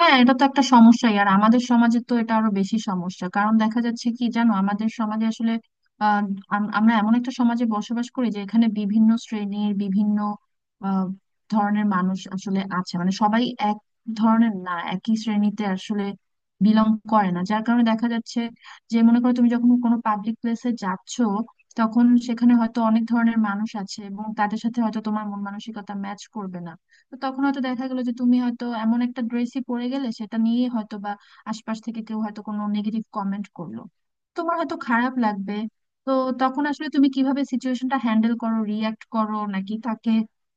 হ্যাঁ, এটা তো একটা সমস্যাই। আর আমাদের সমাজে তো এটা আরো বেশি সমস্যা, কারণ দেখা যাচ্ছে কি জানো, আমাদের সমাজে আসলে আহ, আমরা এমন একটা সমাজে বসবাস করি যে এখানে বিভিন্ন শ্রেণীর বিভিন্ন আহ, ধরনের মানুষ আসলে আছে। মানে সবাই এক ধরনের না, একই শ্রেণীতে আসলে বিলং করে না, যার কারণে দেখা যাচ্ছে যে মনে করো, তুমি যখন কোনো পাবলিক প্লেসে যাচ্ছ, তখন সেখানে হয়তো অনেক ধরনের মানুষ আছে এবং তাদের সাথে হয়তো তোমার মন মানসিকতা ম্যাচ করবে না। তো তখন হয়তো দেখা গেলো যে তুমি হয়তো এমন একটা ড্রেসই পরে গেলে, সেটা নিয়ে হয়তো বা আশপাশ থেকে কেউ হয়তো কোনো নেগেটিভ কমেন্ট করলো, তোমার হয়তো খারাপ লাগবে। তো তখন আসলে তুমি কিভাবে সিচুয়েশনটা হ্যান্ডেল করো? রিয়াক্ট করো, নাকি তাকে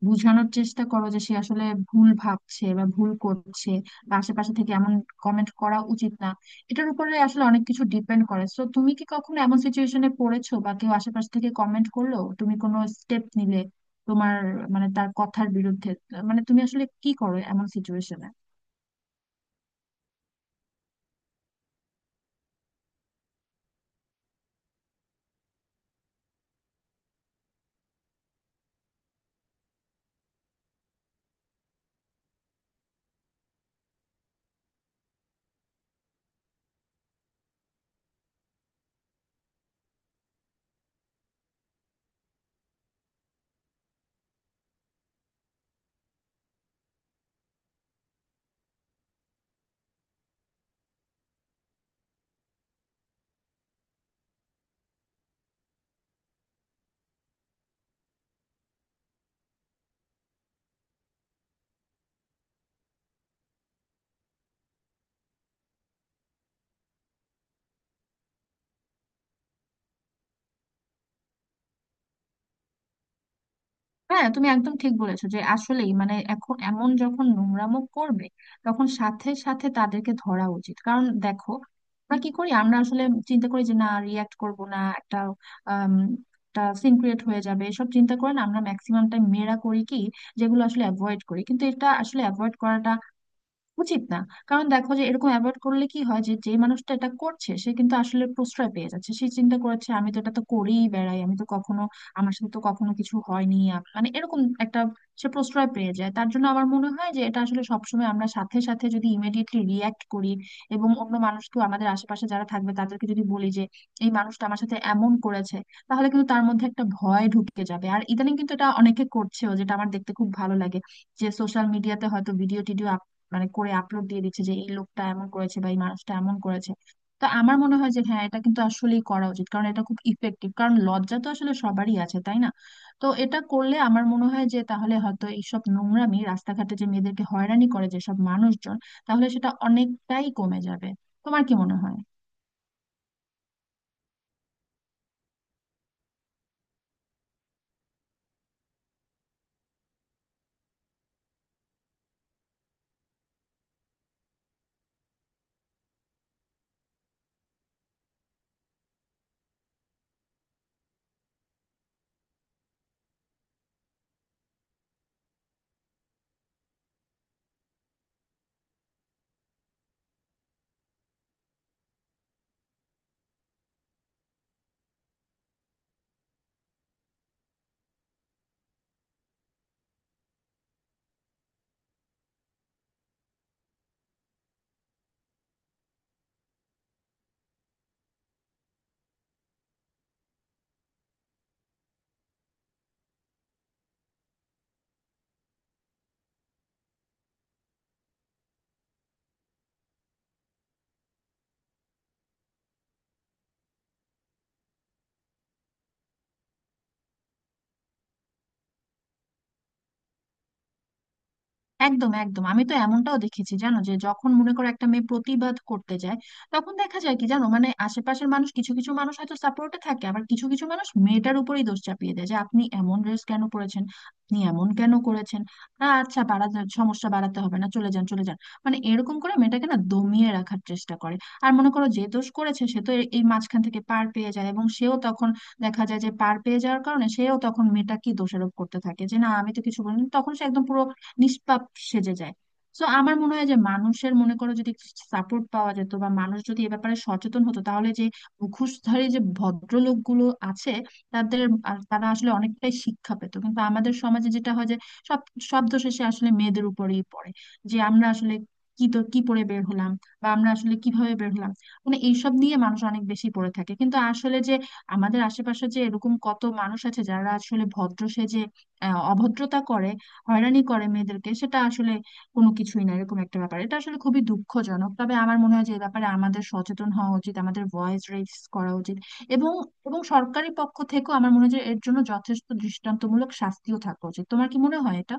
বোঝানোর চেষ্টা করো যে সে আসলে ভুল ভাবছে বা ভুল করছে, বা আশেপাশে থেকে এমন কমেন্ট করা উচিত না? এটার উপরে আসলে অনেক কিছু ডিপেন্ড করে। তো তুমি কি কখনো এমন সিচুয়েশনে পড়েছো? বা কেউ আশেপাশ থেকে কমেন্ট করলো, তুমি কোনো স্টেপ নিলে তোমার, মানে তার কথার বিরুদ্ধে, মানে তুমি আসলে কি করো এমন সিচুয়েশনে? হ্যাঁ, তুমি একদম ঠিক বলেছো যে আসলেই, মানে এখন এমন যখন নোংরামো করবে, তখন সাথে সাথে তাদেরকে ধরা উচিত। কারণ দেখো, আমরা কি করি, আমরা আসলে চিন্তা করি যে না, রিয়াক্ট করব না, একটা আম, একটা সিন ক্রিয়েট হয়ে যাবে এসব চিন্তা করে না আমরা ম্যাক্সিমাম টাইম, মেয়েরা করি কি, যেগুলো আসলে অ্যাভয়েড করি, কিন্তু এটা আসলে অ্যাভয়েড করাটা উচিত না। কারণ দেখো যে এরকম অ্যাভয়েড করলে কি হয়, যে যে মানুষটা এটা করছে সে কিন্তু আসলে প্রশ্রয় পেয়ে যাচ্ছে। সে চিন্তা করেছে, আমি তো এটা তো করেই বেড়াই, আমি তো কখনো, আমার সাথে তো কখনো কিছু হয়নি। মানে এরকম একটা, সে প্রশ্রয় পেয়ে যায়। তার জন্য আমার মনে হয় যে এটা আসলে সবসময় আমরা সাথে সাথে যদি ইমিডিয়েটলি রিয়াক্ট করি এবং অন্য মানুষকেও আমাদের আশেপাশে যারা থাকবে তাদেরকে যদি বলি যে এই মানুষটা আমার সাথে এমন করেছে, তাহলে কিন্তু তার মধ্যে একটা ভয় ঢুকে যাবে। আর ইদানিং কিন্তু এটা অনেকে করছেও, যেটা আমার দেখতে খুব ভালো লাগে, যে সোশ্যাল মিডিয়াতে হয়তো ভিডিও টিডিও মানে করে আপলোড দিয়ে দিচ্ছে যে এই লোকটা এমন করেছে বা এই মানুষটা এমন করেছে। তো আমার মনে হয় যে হ্যাঁ, এটা কিন্তু আসলেই করা উচিত, কারণ এটা খুব ইফেক্টিভ। কারণ লজ্জা তো আসলে সবারই আছে, তাই না? তো এটা করলে আমার মনে হয় যে তাহলে হয়তো এইসব নোংরামি রাস্তাঘাটে, যে মেয়েদেরকে হয়রানি করে যেসব মানুষজন, তাহলে সেটা অনেকটাই কমে যাবে। তোমার কি মনে হয়? একদম, একদম। আমি তো এমনটাও দেখেছি জানো, যে যখন মনে করো একটা মেয়ে প্রতিবাদ করতে যায়, তখন দেখা যায় কি জানো, মানে আশেপাশের মানুষ, কিছু কিছু মানুষ হয়তো সাপোর্টে থাকে, আবার কিছু কিছু মানুষ মেয়েটার উপরেই দোষ চাপিয়ে দেয় যে আপনি এমন ড্রেস কেন পরেছেন, আপনি এমন কেন করেছেন, না আচ্ছা বাড়াতে, সমস্যা বাড়াতে হবে না, চলে যান, চলে যান। মানে এরকম করে মেয়েটাকে না দমিয়ে রাখার চেষ্টা করে। আর মনে করো যে দোষ করেছে, সে তো এই মাঝখান থেকে পার পেয়ে যায়, এবং সেও তখন, দেখা যায় যে পার পেয়ে যাওয়ার কারণে সেও তখন মেয়েটা কি দোষারোপ করতে থাকে যে না, আমি তো কিছু বলিনি, তখন সে একদম পুরো নিষ্পাপ সেজে যায়। তো আমার মনে হয় যে মানুষের, মনে করো যদি সাপোর্ট পাওয়া যেত বা মানুষ যদি এ ব্যাপারে সচেতন হতো, তাহলে যে মুখোশধারী যে ভদ্রলোকগুলো আছে তাদের, আর তারা আসলে অনেকটাই শিক্ষা পেত। কিন্তু আমাদের সমাজে যেটা হয় যে সব সব দোষ এসে আসলে মেয়েদের উপরেই পড়ে, যে আমরা আসলে কি, তো কি পরে বের হলাম, বা আমরা আসলে কিভাবে বের হলাম, মানে এইসব নিয়ে মানুষ অনেক বেশি পড়ে থাকে। কিন্তু আসলে যে আমাদের আশেপাশে যে এরকম কত মানুষ আছে, যারা আসলে ভদ্র সেজে অভদ্রতা করে, হয়রানি করে মেয়েদেরকে, সেটা আসলে কোনো কিছুই না এরকম একটা ব্যাপার। এটা আসলে খুবই দুঃখজনক। তবে আমার মনে হয় যে এ ব্যাপারে আমাদের সচেতন হওয়া উচিত, আমাদের ভয়েস রেজ করা উচিত, এবং এবং সরকারি পক্ষ থেকেও আমার মনে হয় যে এর জন্য যথেষ্ট দৃষ্টান্তমূলক শাস্তিও থাকা উচিত। তোমার কি মনে হয় এটা?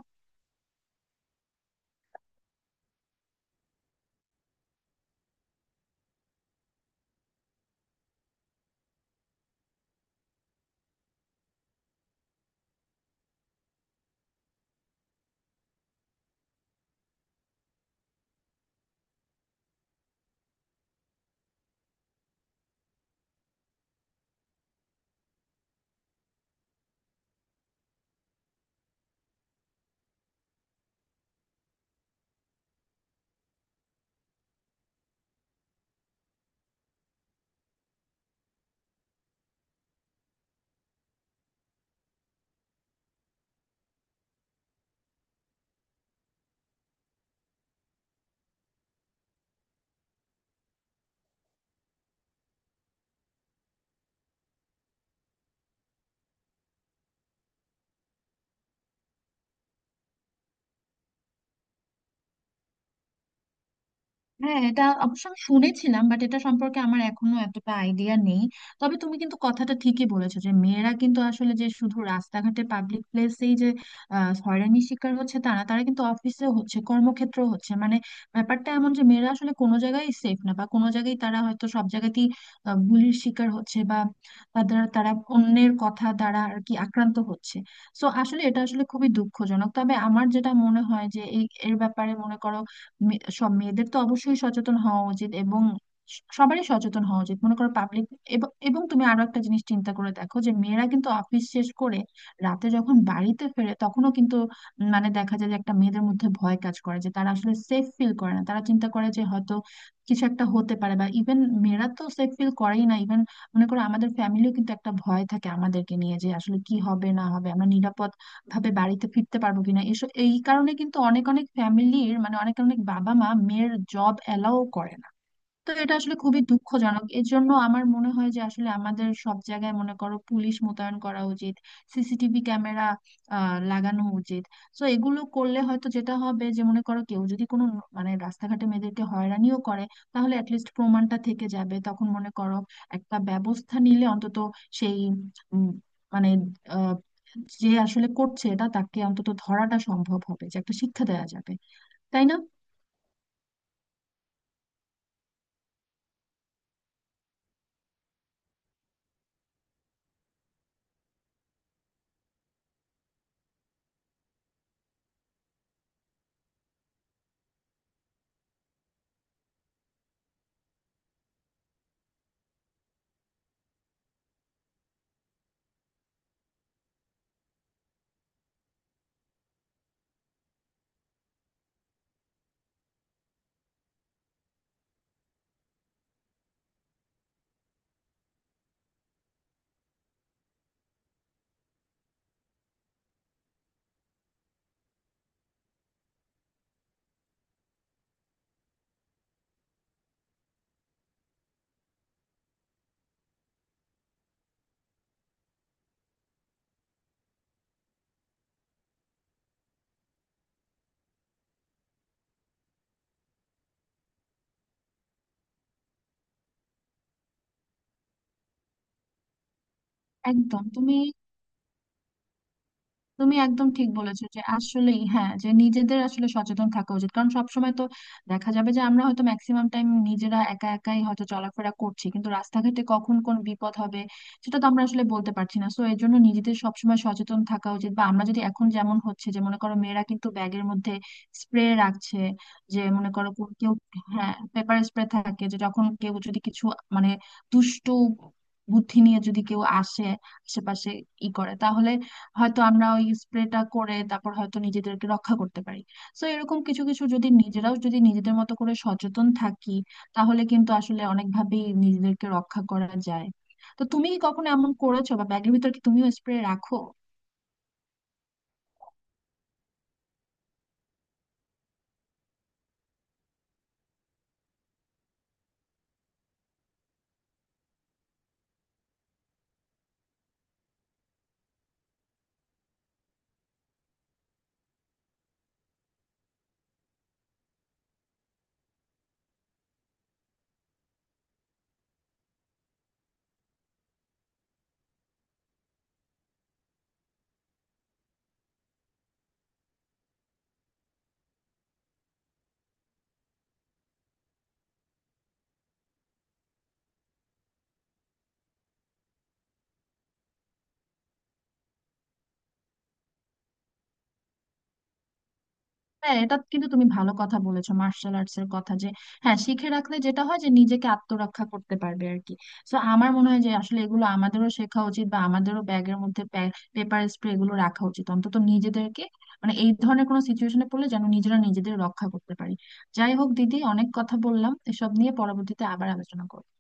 হ্যাঁ, এটা অবশ্য আমি শুনেছিলাম, বাট এটা সম্পর্কে আমার এখনো এতটা আইডিয়া নেই। তবে তুমি কিন্তু কথাটা ঠিকই বলেছো যে মেয়েরা কিন্তু আসলে যে শুধু রাস্তাঘাটে পাবলিক প্লেসেই যে হয়রানির শিকার হচ্ছে তা না, তারা কিন্তু অফিসে হচ্ছে, কর্মক্ষেত্র হচ্ছে, মানে ব্যাপারটা এমন যে মেয়েরা আসলে কোনো জায়গায় সেফ না, বা কোনো জায়গায় তারা হয়তো, সব জায়গাতেই বুলির শিকার হচ্ছে, বা তাদের, তারা অন্যের কথা দ্বারা আর কি আক্রান্ত হচ্ছে। সো আসলে এটা আসলে খুবই দুঃখজনক। তবে আমার যেটা মনে হয় যে এই এর ব্যাপারে মনে করো সব মেয়েদের তো অবশ্যই সচেতন হওয়া উচিত, এবং সবারই সচেতন হওয়া উচিত। মনে করো পাবলিক। এবং তুমি আরো একটা জিনিস চিন্তা করে দেখো যে মেয়েরা কিন্তু অফিস শেষ করে রাতে যখন বাড়িতে ফেরে, তখনও কিন্তু মানে দেখা যায় যে একটা, মেয়েদের মধ্যে ভয় কাজ করে, যে তারা আসলে সেফ ফিল করে না। তারা চিন্তা করে যে হয়তো কিছু একটা হতে পারে। বা ইভেন মেয়েরা তো সেফ ফিল করেই না, ইভেন মনে করো আমাদের ফ্যামিলিও, কিন্তু একটা ভয় থাকে আমাদেরকে নিয়ে, যে আসলে কি হবে না হবে, আমরা নিরাপদ ভাবে বাড়িতে ফিরতে পারবো কিনা এসব। এই কারণে কিন্তু অনেক অনেক ফ্যামিলির, মানে অনেক অনেক বাবা মা মেয়ের জব অ্যালাউ করে না। তো এটা আসলে খুবই দুঃখজনক। এর জন্য আমার মনে হয় যে আসলে আমাদের সব জায়গায় মনে করো পুলিশ মোতায়েন করা উচিত, সিসিটিভি ক্যামেরা আহ লাগানো উচিত। তো এগুলো করলে হয়তো যেটা হবে যে মনে করো কেউ যদি কোনো মানে রাস্তাঘাটে মেয়েদেরকে হয়রানিও করে, তাহলে অ্যাটলিস্ট প্রমাণটা থেকে যাবে। তখন মনে করো একটা ব্যবস্থা নিলে অন্তত সেই, উম, মানে আহ, যে আসলে করছে এটা, তাকে অন্তত ধরাটা সম্ভব হবে, যে একটা শিক্ষা দেওয়া যাবে। তাই না? একদম। তুমি তুমি একদম ঠিক বলেছো যে আসলেই হ্যাঁ, যে নিজেদের আসলে সচেতন থাকা উচিত, কারণ সবসময় তো দেখা যাবে যে আমরা হয়তো ম্যাক্সিমাম টাইম নিজেরা একা একাই হয়তো চলাফেরা করছি, কিন্তু রাস্তাঘাটে কখন কোন বিপদ হবে সেটা তো আমরা আসলে বলতে পারছি না। সো এর জন্য নিজেদের সবসময় সচেতন থাকা উচিত, বা আমরা যদি এখন যেমন হচ্ছে যে মনে করো মেয়েরা কিন্তু ব্যাগের মধ্যে স্প্রে রাখছে, যে মনে করো কেউ, হ্যাঁ পেপার স্প্রে থাকে, যে যখন কেউ যদি কিছু, মানে দুষ্ট বুদ্ধি নিয়ে যদি কেউ আসে আশেপাশে ই করে, তাহলে হয়তো আমরা ওই স্প্রেটা করে তারপর হয়তো নিজেদেরকে রক্ষা করতে পারি। তো এরকম কিছু কিছু যদি নিজেরাও, যদি নিজেদের মতো করে সচেতন থাকি, তাহলে কিন্তু আসলে অনেকভাবেই নিজেদেরকে রক্ষা করা যায়। তো তুমি কি কখনো এমন করেছো বা ব্যাগের ভিতর কি তুমিও স্প্রে রাখো? হ্যাঁ, এটা কিন্তু তুমি ভালো কথা বলেছো, মার্শাল আর্টস এর কথা, যে হ্যাঁ, শিখে রাখলে যেটা হয় যে নিজেকে আত্মরক্ষা করতে পারবে আর কি। তো আমার মনে হয় যে আসলে এগুলো আমাদেরও শেখা উচিত, বা আমাদেরও ব্যাগের মধ্যে পেপার স্প্রে এগুলো রাখা উচিত, অন্তত নিজেদেরকে, মানে এই ধরনের কোনো সিচুয়েশনে পড়লে যেন নিজেরা নিজেদের রক্ষা করতে পারি। যাই হোক দিদি, অনেক কথা বললাম এসব নিয়ে, পরবর্তীতে আবার আলোচনা করবো।